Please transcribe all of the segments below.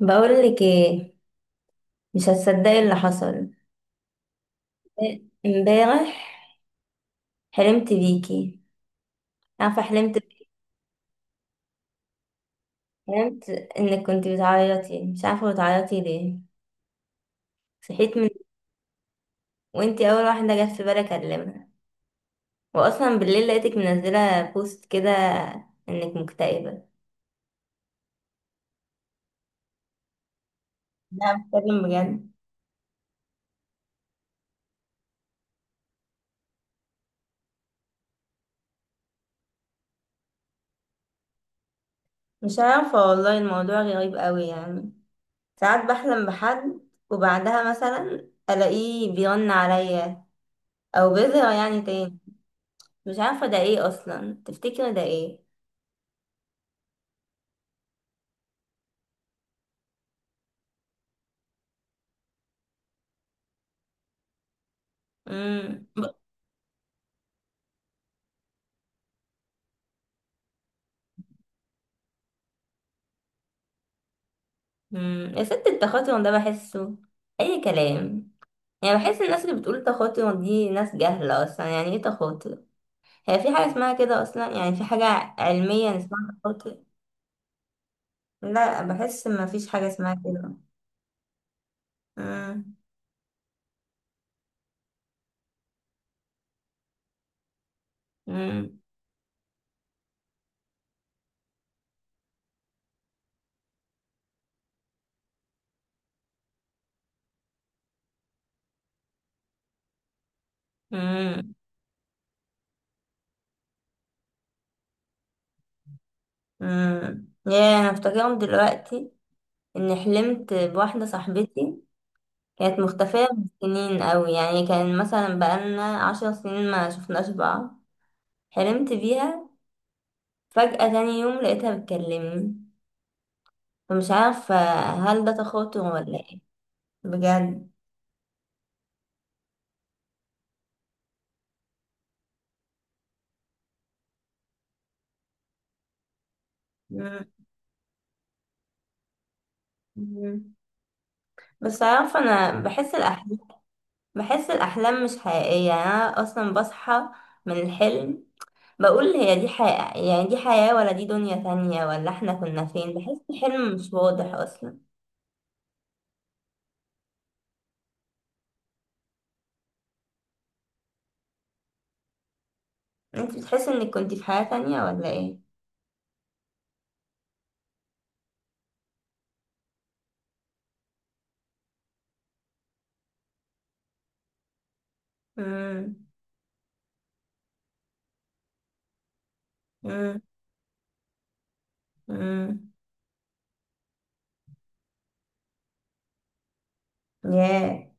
بقولك ايه؟ مش هتصدقي اللي حصل امبارح. حلمت بيكي، عارفه حلمت انك كنت بتعيطي، مش عارفه بتعيطي ليه. صحيت من، وانتي اول واحده جت في بالي اكلمها. واصلا بالليل لقيتك منزله بوست كده، انك مكتئبه. لا، بتكلم بجد. مش عارفه والله، الموضوع غريب قوي. يعني ساعات بحلم بحد، وبعدها مثلا الاقيه بيرن عليا، او بيظهر يعني تاني. مش عارفة ده ايه اصلا، تفتكر ده ايه؟ امم يا ست، التخاطر ده بحسه اي كلام. يعني بحس الناس اللي بتقول تخاطر دي ناس جهلة. اصلا يعني ايه تخاطر؟ هي في حاجة اسمها كده اصلا؟ يعني في حاجة علميا اسمها تخاطر؟ لا، بحس ما فيش حاجة اسمها كده. امم امم امم يا انا افتكرهم دلوقتي، اني حلمت بواحدة صاحبتي كانت مختفية من سنين قوي. يعني كان مثلا بقالنا 10 سنين ما شفناش بعض. حلمت بيها، فجأة تاني يوم لقيتها بتكلمني. فمش عارفة، هل ده تخاطر ولا ايه؟ بجد. مم. مم. بس عارفة أنا بحس الأحلام مش حقيقية. يعني أنا أصلا بصحى من الحلم، بقول هي دي حقيقة؟ يعني دي حياة، ولا دي دنيا تانية، ولا احنا كنا فين؟ بحس الحلم مش واضح أصلا. انت بتحس انك كنت في حياة تانية ولا ايه؟ مم. مم. مم. ياه.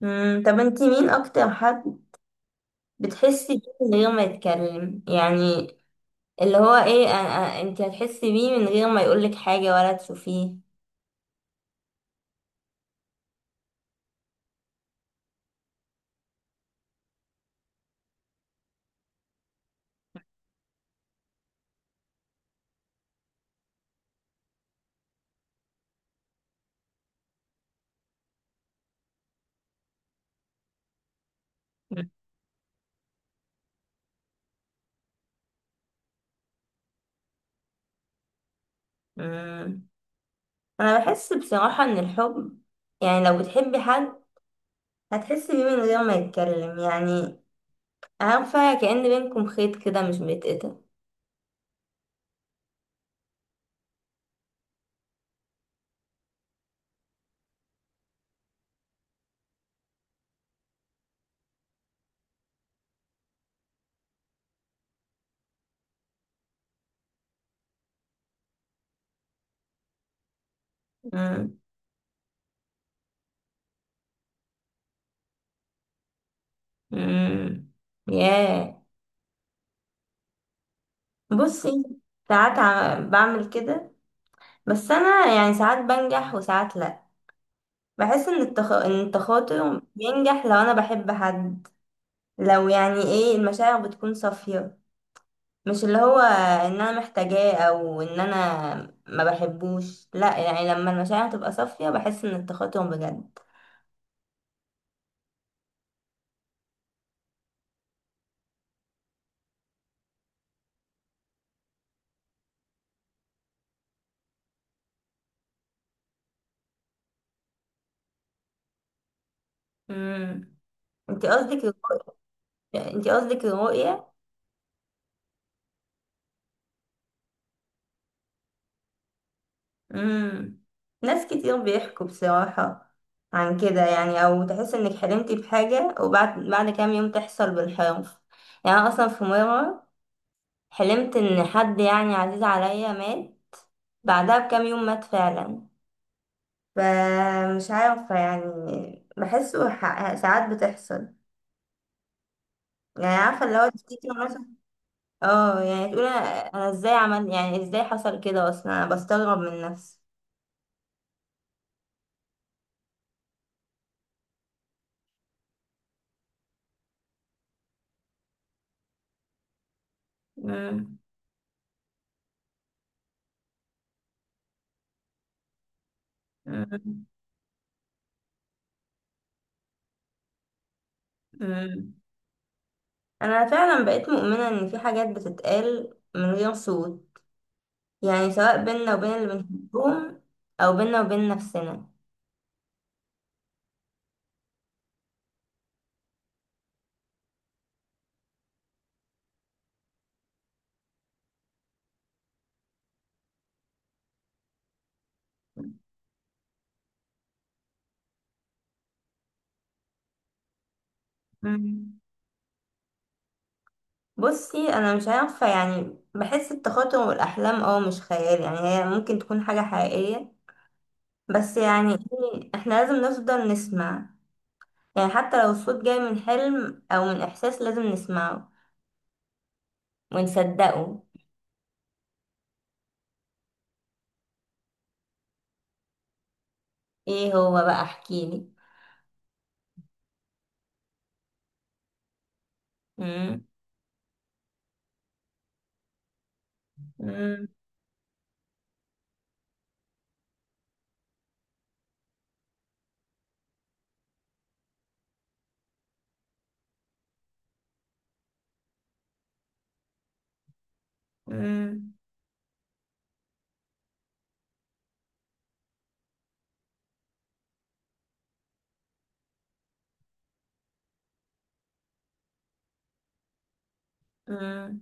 مم. طب انتي مين اكتر حد بتحسي بيه من غير ما يتكلم يعني؟ اللي هو ايه، انتي هتحسي بيه من غير ما يقولك حاجة ولا تشوفيه؟ مم. مم. انا بحس بصراحة ان الحب، يعني لو بتحبي حد هتحسي بيه من غير ما يتكلم. يعني عارفة، كأن بينكم خيط كده مش بيتقطع. مم. مم. ياه. بصي، ساعات بعمل كده. بس انا يعني ساعات بنجح وساعات لا. بحس ان التخاطر بينجح لو انا بحب حد. لو يعني ايه، المشاعر بتكون صافية. مش اللي هو ان انا محتاجاه، او ان انا ما بحبوش. لا يعني، لما المشاعر تبقى صافية بحس ان التخاطر بجد. امم. انت قصدك الرؤ- انت قصدك الرؤية؟ امم. ناس كتير بيحكوا بصراحة عن كده، يعني او تحس انك حلمتي بحاجة، وبعد بعد كام يوم تحصل بالحرف. يعني أنا اصلا في مرة حلمت ان حد يعني عزيز عليا مات، بعدها بكام يوم مات فعلا. فمش عارفة يعني. بحسه ساعات بتحصل. يعني عارفة اللي هو تفتكر مثلا. اه يعني تقول، أنا ازاي عمل، يعني ازاي حصل كده اصلا؟ انا بستغرب من نفسي. امم. انا فعلا بقيت مؤمنة ان في حاجات بتتقال من غير صوت، يعني سواء بينا وبين اللي بنحبهم، او بينا وبين نفسنا. مم. بصي، انا مش عارفة يعني. بحس التخاطر والاحلام اه مش خيال، يعني هي ممكن تكون حاجة حقيقية. بس يعني إيه، احنا لازم نفضل نسمع. يعني حتى لو الصوت جاي من حلم او من احساس، لازم نسمعه ونصدقه. ايه هو بقى؟ احكيلي. مم. مم. مم. مم.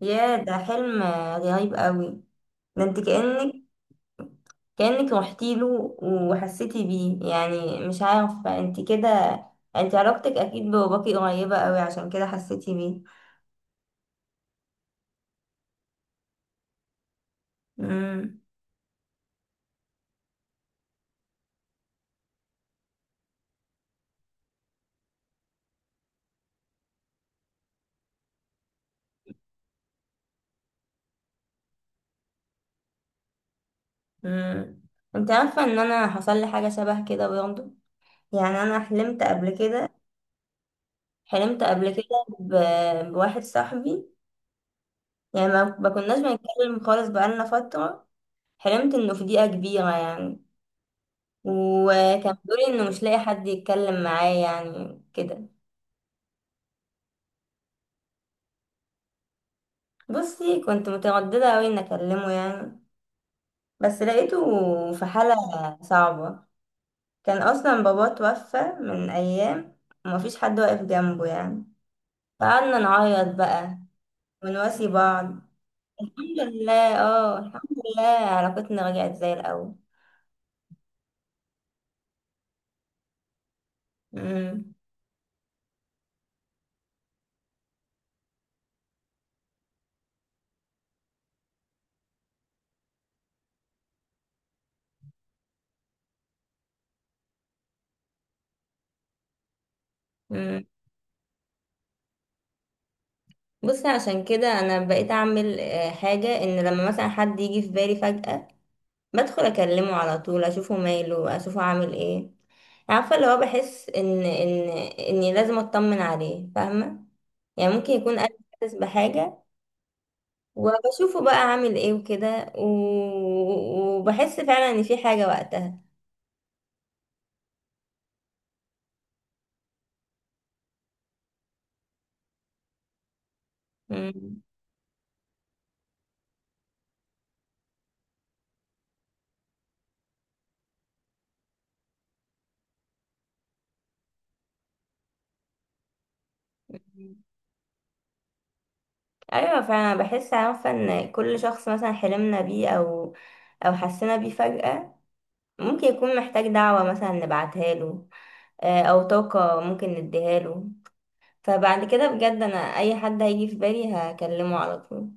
يا ده حلم رهيب قوي. ده انت كأنك روحتي له وحسيتي بيه، يعني مش عارفة. انت كده، انت علاقتك اكيد بباباكي قريبة قوي عشان كده حسيتي بيه. امم. امم. انت عارفة ان انا حصل لي حاجة شبه كده برضه. يعني انا حلمت قبل كده بواحد صاحبي. يعني ما كناش بنتكلم خالص بقالنا فترة. حلمت انه في دقيقة كبيرة يعني، وكان بيقولي انه مش لاقي حد يتكلم معاه يعني كده. بصي، كنت مترددة قوي ان اكلمه يعني، بس لقيته في حالة صعبة. كان اصلا باباه توفى من ايام ومفيش حد واقف جنبه يعني. فقعدنا نعيط بقى ونواسي بعض. الحمد لله، اه، الحمد لله علاقتنا رجعت زي الاول. امم. امم. بصي، عشان كده انا بقيت اعمل حاجة، ان لما مثلا حد يجي في بالي فجأة بدخل اكلمه على طول، اشوفه ماله، اشوفه عامل ايه. عارفه اللي هو بحس ان اني لازم اطمن عليه، فاهمه؟ يعني ممكن يكون انا حاسس بحاجه. وبشوفه بقى عامل ايه وكده، و- وبحس فعلا ان في حاجه وقتها. مم. ايوه فعلا، بحس عارفه ان كل شخص مثلا حلمنا بيه او حسينا بيه فجأة، ممكن يكون محتاج دعوة مثلا نبعتها له. او طاقة ممكن نديها له. فبعد كده بجد، انا اي حد هيجي في بالي هكلمه على طول.